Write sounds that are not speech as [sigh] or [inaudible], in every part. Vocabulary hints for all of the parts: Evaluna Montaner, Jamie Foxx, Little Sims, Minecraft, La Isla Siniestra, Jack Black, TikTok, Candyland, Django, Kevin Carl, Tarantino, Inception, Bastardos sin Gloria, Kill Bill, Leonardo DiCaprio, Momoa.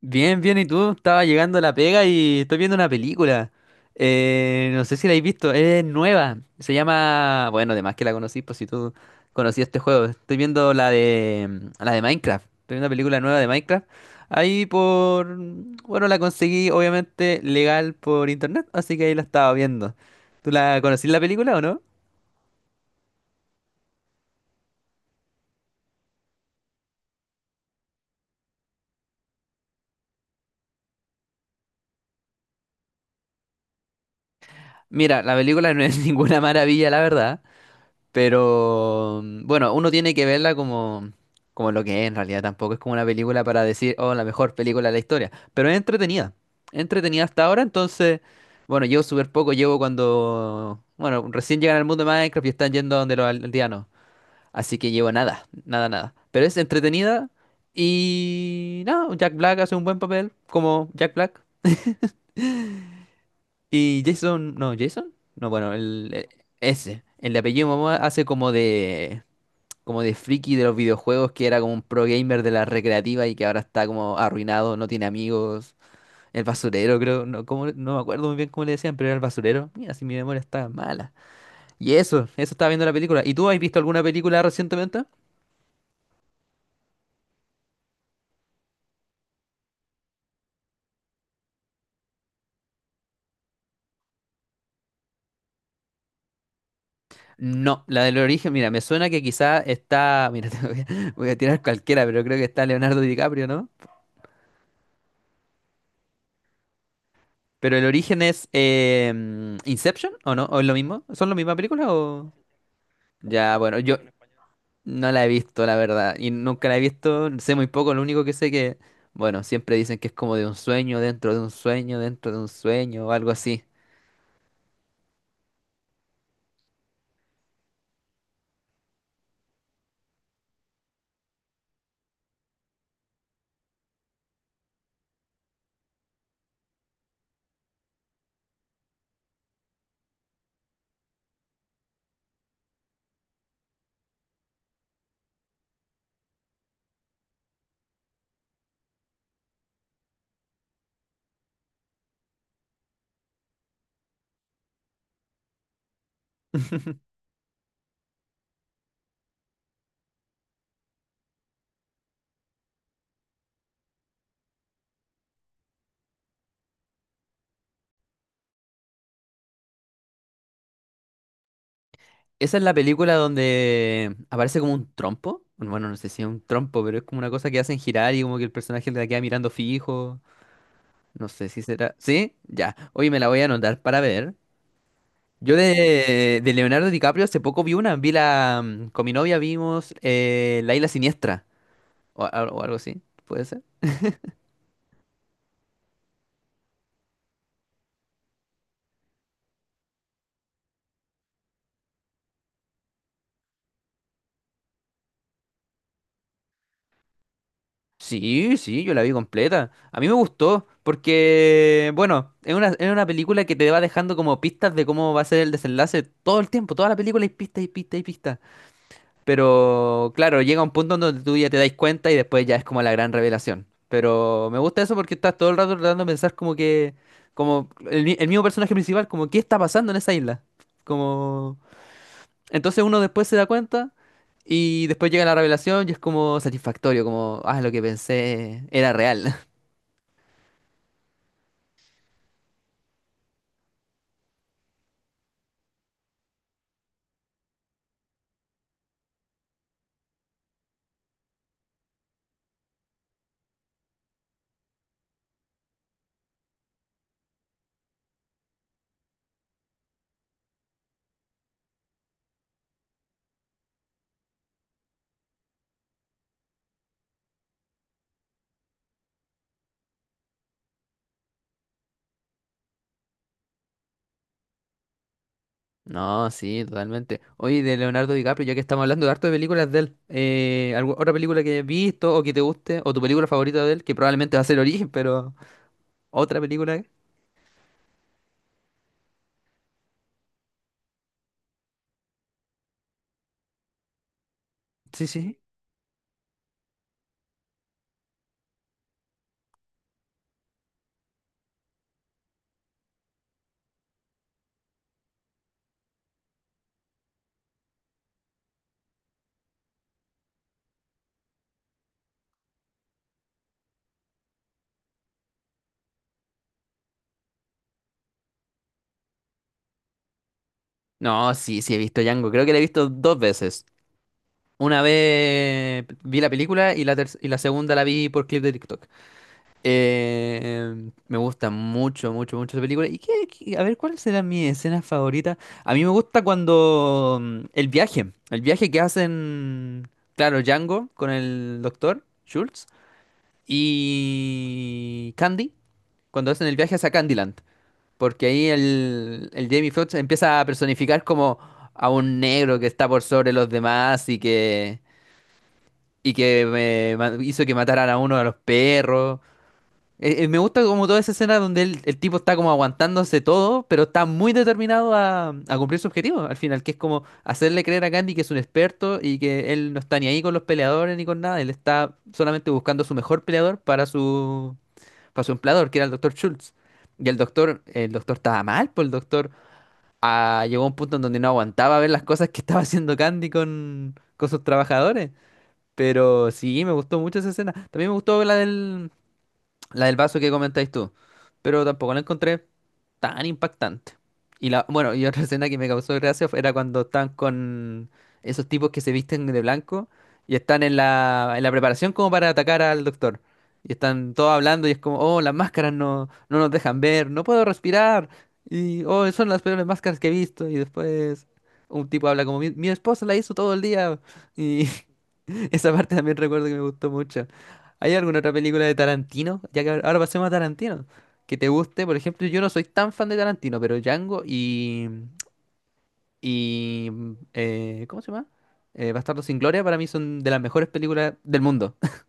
Bien, bien, ¿y tú? Estaba llegando a la pega y estoy viendo una película. No sé si la habéis visto, es nueva. Se llama, bueno, además que la conocí, pues si tú conocías este juego. Estoy viendo la de la de Minecraft. Estoy viendo una película nueva de Minecraft. Ahí por, bueno, la conseguí obviamente legal por internet, así que ahí la estaba viendo. ¿Tú la conocís la película o no? Mira, la película no es [laughs] ninguna maravilla, la verdad. Pero bueno, uno tiene que verla como, como lo que es en realidad. Tampoco es como una película para decir, oh, la mejor película de la historia. Pero es entretenida. Entretenida hasta ahora. Entonces, bueno, llevo súper poco llevo cuando, bueno, recién llegan al mundo de Minecraft y están yendo a donde los aldeanos. Así que llevo nada, nada, nada. Pero es entretenida. Y nada, Jack Black hace un buen papel como Jack Black. Y Jason. No, bueno, el, ese. El de apellido Momoa hace como de friki de los videojuegos que era como un pro gamer de la recreativa y que ahora está como arruinado, no tiene amigos, el basurero creo, no, como, no me acuerdo muy bien cómo le decían, pero era el basurero. Mira, si mi memoria está mala. Y eso estaba viendo la película. ¿Y tú has visto alguna película recientemente? No, la del origen, mira, me suena que quizá está, mira, [laughs] te voy a, voy a tirar cualquiera, pero creo que está Leonardo DiCaprio, ¿no? Pero el origen es Inception, ¿o no? ¿O es lo mismo? ¿Son la misma película o...? Ya, bueno, yo, no la he visto, la verdad, y nunca la he visto, sé muy poco, lo único que sé que, bueno, siempre dicen que es como de un sueño, dentro de un sueño, dentro de un sueño, o algo así. [laughs] Esa es la película donde aparece como un trompo, bueno, no sé si es un trompo, pero es como una cosa que hacen girar y como que el personaje la queda mirando fijo, no sé si será, ¿sí? Ya, hoy me la voy a anotar para ver. Yo de Leonardo DiCaprio hace poco vi una, vi la, con mi novia vimos La Isla Siniestra, o, o algo así, ¿puede ser? Sí, sí, yo la vi completa. A mí me gustó porque, bueno, es una película que te va dejando como pistas de cómo va a ser el desenlace todo el tiempo, toda la película hay pistas y pistas y pistas. Pero claro, llega un punto donde tú ya te das cuenta y después ya es como la gran revelación. Pero me gusta eso porque estás todo el rato tratando de pensar como que, como el, el mismo personaje principal, como qué está pasando en esa isla. Como... entonces uno después se da cuenta y después llega la revelación y es como satisfactorio, como, ah, lo que pensé era real. [laughs] No, sí, totalmente. Oye, de Leonardo DiCaprio, ya que estamos hablando de harto de películas de él, otra película que hayas visto o que te guste, o tu película favorita de él, que probablemente va a ser Origen, [laughs] pero otra película? Sí, sí. No, sí, sí, he visto Django. Creo que la he visto dos veces. Una vez vi la película y la, y la segunda la vi por clip de TikTok. Me gusta mucho, mucho, mucho esa película. ¿Y qué, qué- A ver, ¿cuál será mi escena favorita? A mí me gusta cuando el viaje que hacen, claro, Django con el doctor Schultz y Candy, cuando hacen el viaje hacia Candyland, porque ahí el Jamie Foxx empieza a personificar como a un negro que está por sobre los demás y que hizo que mataran a uno de los perros. Me gusta como toda esa escena donde el tipo está como aguantándose todo, pero está muy determinado a cumplir su objetivo al final, que es como hacerle creer a Candy que es un experto y que él no está ni ahí con los peleadores ni con nada, él está solamente buscando su mejor peleador para su empleador, que era el doctor Schultz. Y el doctor estaba mal, pues el doctor ah, llegó a un punto en donde no aguantaba ver las cosas que estaba haciendo Candy con sus trabajadores. Pero sí, me gustó mucho esa escena. También me gustó la del vaso que comentáis tú. Pero tampoco la encontré tan impactante. Y la, bueno, y otra [laughs] escena que me causó gracia era cuando están con esos tipos que se visten de blanco y están en la preparación como para atacar al doctor. Y están todos hablando y es como, oh, las máscaras no, no nos dejan ver, no puedo respirar. Y, oh, son las peores máscaras que he visto. Y después un tipo habla como, mi esposa la hizo todo el día. Y [laughs] esa parte también recuerdo que me gustó mucho. ¿Hay alguna otra película de Tarantino? Ya que ahora pasemos a Tarantino. Que te guste, por ejemplo, yo no soy tan fan de Tarantino, pero Django y ¿cómo se llama? Bastardos sin Gloria para mí son de las mejores películas del mundo. [laughs]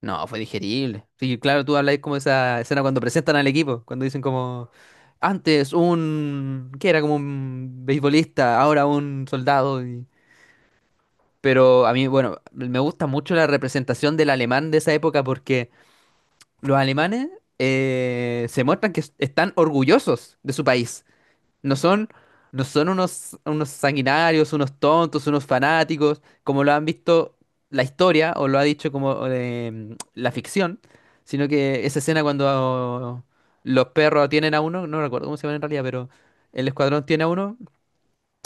No, fue digerible. Sí, claro, tú habláis como esa escena cuando presentan al equipo, cuando dicen como, antes un, que era como un beisbolista, ahora un soldado. Y- Pero a mí, bueno, me gusta mucho la representación del alemán de esa época porque los alemanes se muestran están orgullosos de su país. No son, no son unos, unos sanguinarios, unos tontos, unos fanáticos, como lo han visto la historia o lo ha dicho como la ficción, sino que esa escena cuando los perros tienen a uno, no recuerdo cómo se llama en realidad, pero el escuadrón tiene a uno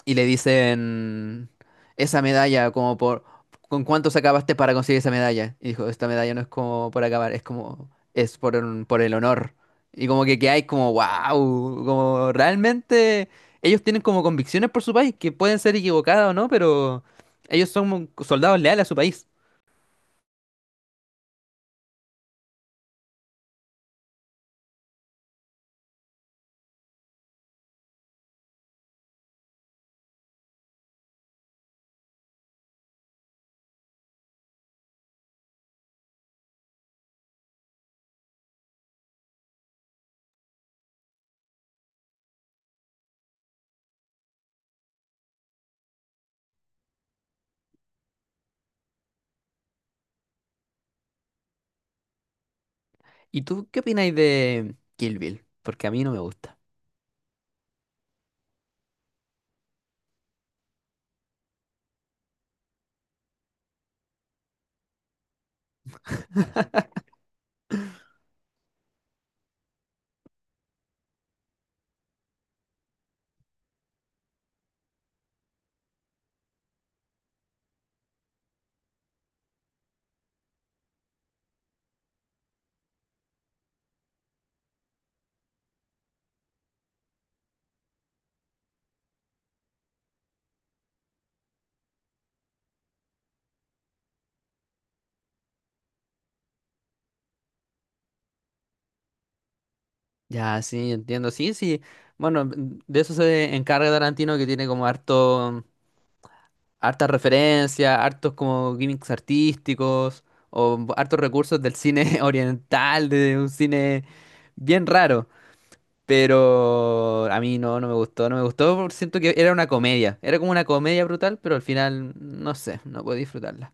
y le dicen esa medalla como por ¿con cuánto acabaste para conseguir esa medalla? Y dijo, esta medalla no es como por acabar, es como es por el honor. Y como que hay como wow, como realmente ellos tienen como convicciones por su país que pueden ser equivocadas o no, pero ellos son soldados leales a su país. ¿Y tú qué opináis de Kill Bill? Porque a mí no me gusta. Ya, sí, entiendo. Sí, sí. Bueno, de eso se encarga Tarantino que tiene como harto hartas referencias, hartos como gimmicks artísticos, o hartos recursos del cine [laughs] oriental, de un cine bien raro. Pero a mí no, no me gustó, no me gustó, porque siento que era una comedia. Era como una comedia brutal, pero al final, no sé, no puedo disfrutarla.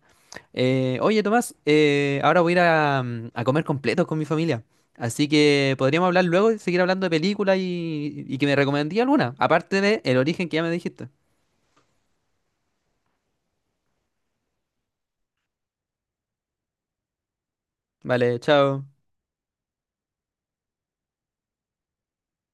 Oye, Tomás, ahora voy a ir a, a comer completos con mi familia. Así que podríamos hablar luego y seguir hablando de películas y que me recomendí alguna, aparte de El origen que ya me dijiste. Vale, chao.